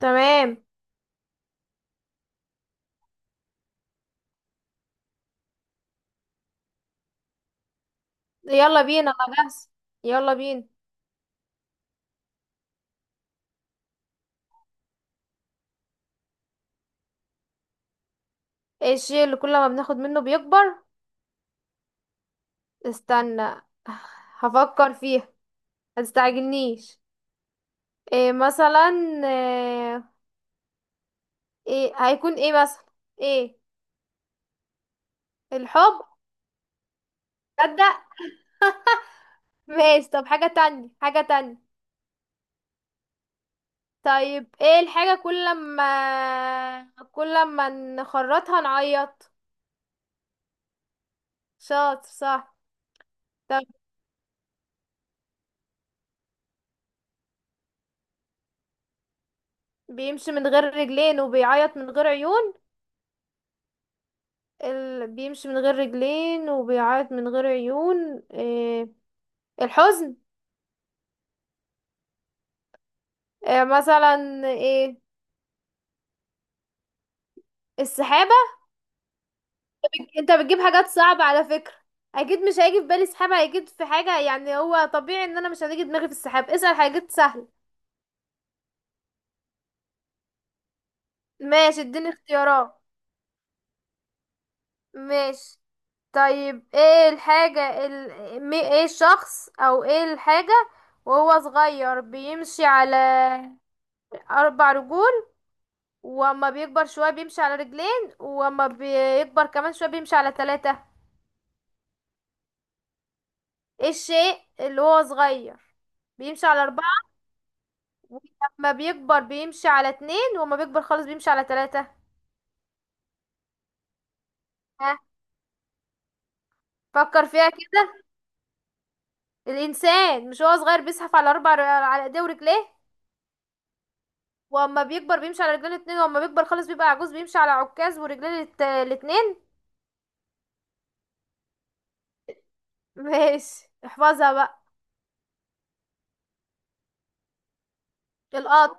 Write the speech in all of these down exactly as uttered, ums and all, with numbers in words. تمام. يلا بينا، انا جاهز. يلا بينا. ايه الشيء اللي كل ما بناخد منه بيكبر؟ استنى، هفكر فيها. هتستعجلنيش. إيه مثلا؟ آه، ايه هيكون ايه مثلا ايه؟ الحب. تصدق؟ ماشي. طب حاجة تانية، حاجة تانية. طيب، ايه الحاجة كل ما كل ما نخرطها نعيط؟ شاطر. صح. طب بيمشي من غير رجلين وبيعيط من غير عيون؟ ال... بيمشي من غير رجلين وبيعيط من غير عيون، إيه؟ الحزن. إيه مثلا؟ ايه؟ السحابة. بت- انت بتجيب حاجات صعبة على فكرة. اكيد مش هيجي في بالي سحابة، هيجي في حاجة، يعني هو طبيعي ان انا مش هتيجي دماغي في السحاب. اسأل حاجات سهلة. ماشي، اديني اختيارات. ماشي. طيب، ايه الحاجة ال... مي- ايه الشخص او ايه الحاجة وهو صغير بيمشي على اربع رجول، واما بيكبر شوية بيمشي على رجلين، واما بيكبر كمان شوية بيمشي على ثلاثة؟ ايه الشيء اللي هو صغير بيمشي على أربعة، ولما بيكبر بيمشي على اتنين، واما بيكبر خالص بيمشي على ثلاثة؟ ها. فكر فيها كده. الإنسان، مش هو صغير بيزحف على أربع ر- على ايديه ورجليه، واما بيكبر بيمشي على رجلين اتنين، واما بيكبر خالص بيبقى عجوز بيمشي على عكاز ورجلين الت- الاتنين. ماشي، احفظها بقى. القط.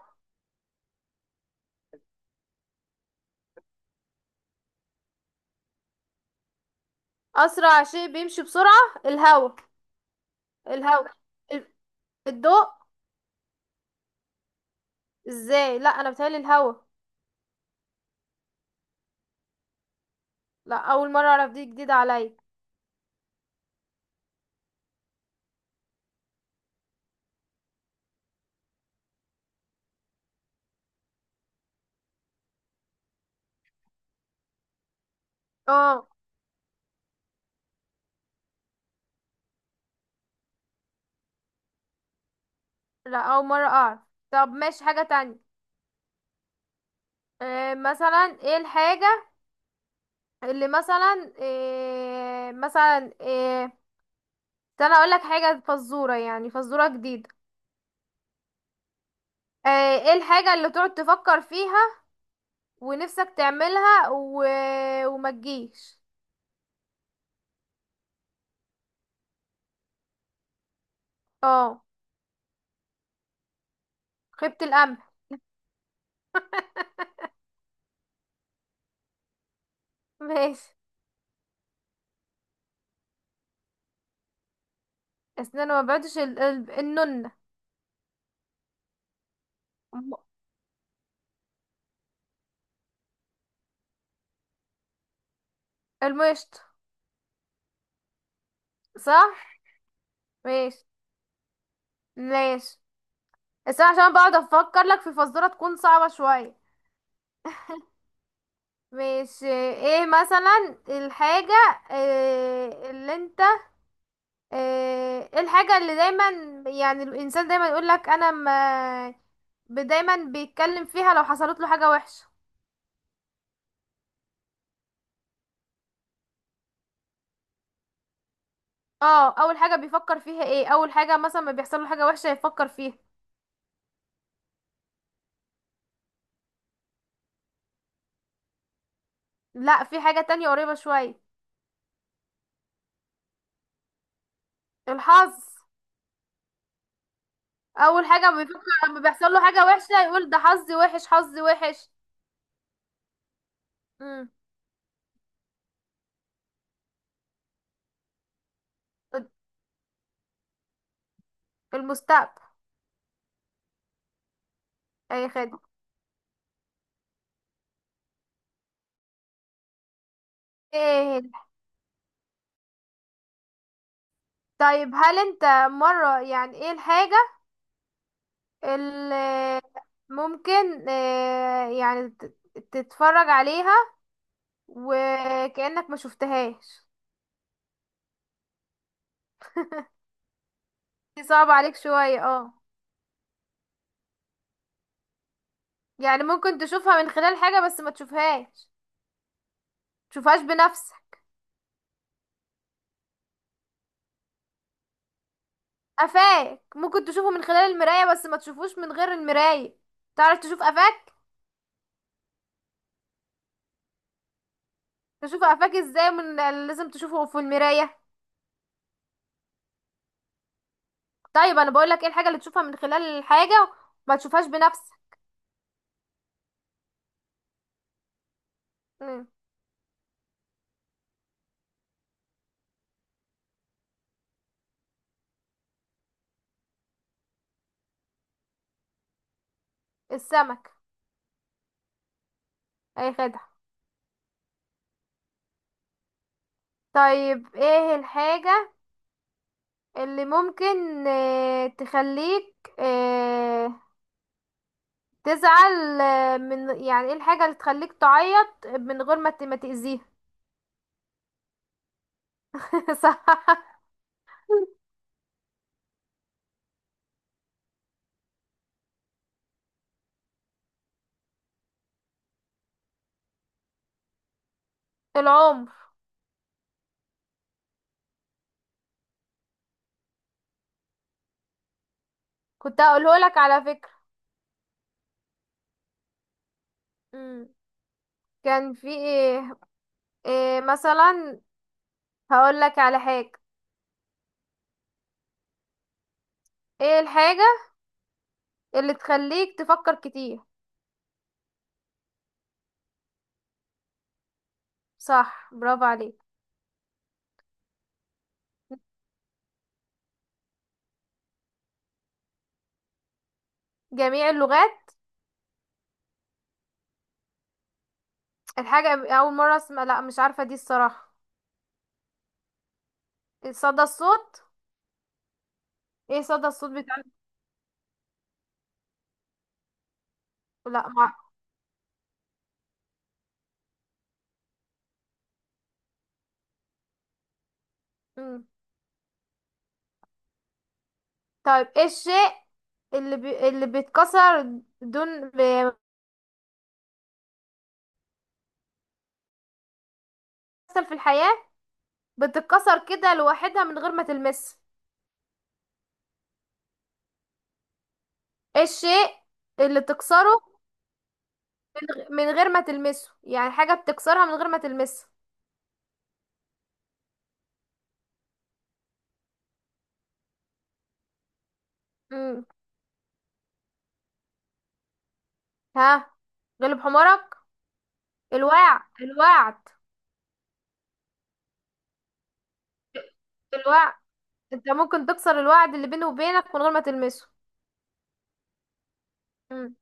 أسرع شيء بيمشي بسرعة الهوا. الهوا. ال- الضوء. ازاي؟ لا، انا بتهيألي الهوا. لا، اول مرة اعرف، دي جديدة عليا. اه. لا، اول مرة اعرف. طب ماشي، حاجة تانية. آه مثلا ايه الحاجة اللي مثلا؟ إيه مثلا؟ إيه؟ استنى، اقول لك حاجة فزورة، يعني فزورة جديدة. آه. ايه الحاجة اللي تقعد تفكر فيها ونفسك تعملها و... وما تجيش؟ اه. خيبة الامل. ماشي. اسنان ما بعدش ال... ال... النونة. الم- المشط. صح. ماشي ماشي. بس أنا عشان بقعد افكر لك في فزورة تكون صعبة شوية. مش ايه مثلا الحاجة؟ إيه اللي انت؟ ايه، إيه الحاجة اللي دايما، يعني الانسان دايما يقول لك انا ما ب- دايما بيتكلم فيها لو حصلت له حاجة وحشة؟ اه، اول حاجة بيفكر فيها، ايه اول حاجة مثلا ما بيحصل له حاجة وحشة يفكر فيها؟ لا، في حاجة تانية قريبة شوية. الحظ. اول حاجة ما بيفكر لما بيحصل له حاجة وحشة يقول ده حظي وحش، حظي وحش. مم. المستقبل. اي خدمة. ايه؟ طيب هل انت مرة، يعني ايه الحاجة اللي ممكن آه، يعني ت- تتفرج عليها وكأنك ما شفتهاش؟ دي صعبة عليك شوية، اه. يعني ممكن تشوفها من خلال حاجة بس ما تشوفهاش، تشوفهاش بنفسك. قفاك ممكن تشوفه من خلال المراية بس ما تشوفوش من غير المراية. تعرف تشوف قفاك؟ تشوف قفاك ازاي من؟ لازم تشوفه في المراية. طيب انا بقولك ايه الحاجة اللي تشوفها من خلال الحاجة، ما تشوفهاش بنفسك. مم. السمك. اي خدعة. طيب، ايه الحاجة اللي ممكن آه، تخليك آه، تزعل آه، من، يعني ايه الحاجة اللي تخليك تعيط من غير ما ت- ما تأذيها؟ صح. العمر. كنت هقوله لك على فكرة. مم. كان في ايه؟ إيه مثلا؟ هقول لك على حاجة. ايه الحاجة اللي تخليك تفكر كتير؟ صح، برافو عليك. جميع اللغات؟ الحاجة أول مرة اسمع، لا مش عارفة دي الصراحة. صدى الصوت. ايه صدى الصوت بتاع؟ لا. مع... مم. طيب، ايه الشيء اللي بي... اللي بيتكسر دون بيحصل في الحياة، بتتكسر كده لوحدها من غير ما تلمسه؟ ايه الشيء اللي تكسره من غ- من غير ما تلمسه، يعني حاجة بتكسرها من غير ما تلمسه؟ مم. ها. غلب حمارك؟ الوعد، الوعد. الوعد، انت ممكن تكسر الوعد اللي بينه وبينك من غير ما تلمسه. مم.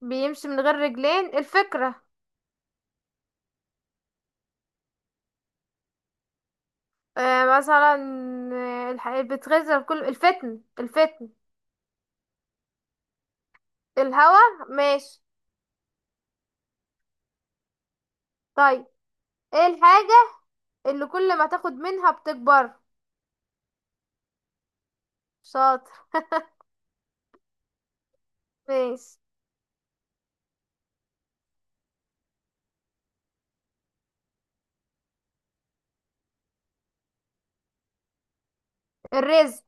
بيمشي من غير رجلين، الفكرة. آه، مثلا آه، الح... بتغذي كل الفتن، الفتن. الهوا. ماشي. طيب، ايه الحاجة اللي كل ما تاخد منها بتكبر؟ شاطر. ماشي. الرزق.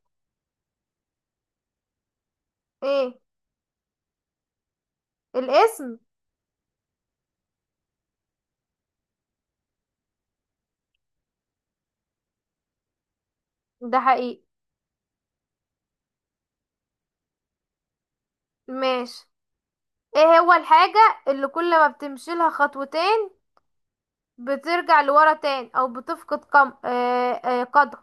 ايه؟ الاسم. ده حقيقي. ماشي. ايه هو الحاجة اللي كل ما بتمشي لها خطوتين بترجع لورا تاني او بتفقد قم... آه... آه... قدم؟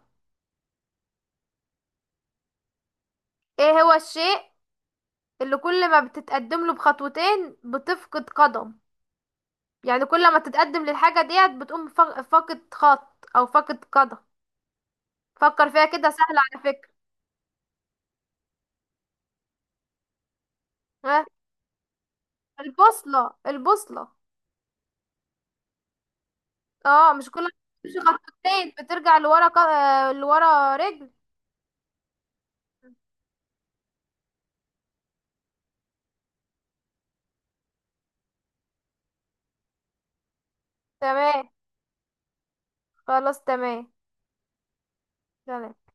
ايه هو الشيء اللي كل ما بتتقدم له بخطوتين بتفقد قدم؟ يعني كل ما تتقدم للحاجة ديت بتقوم فا- فاقد خط او فاقد قدم. فكر فيها كده، سهلة على فكرة. ها. البوصلة، البوصلة. اه، مش كل ما تمشي خطوتين بترجع لورا ق- آه، لورا رجل. تمام. خلاص، تمام. تمام.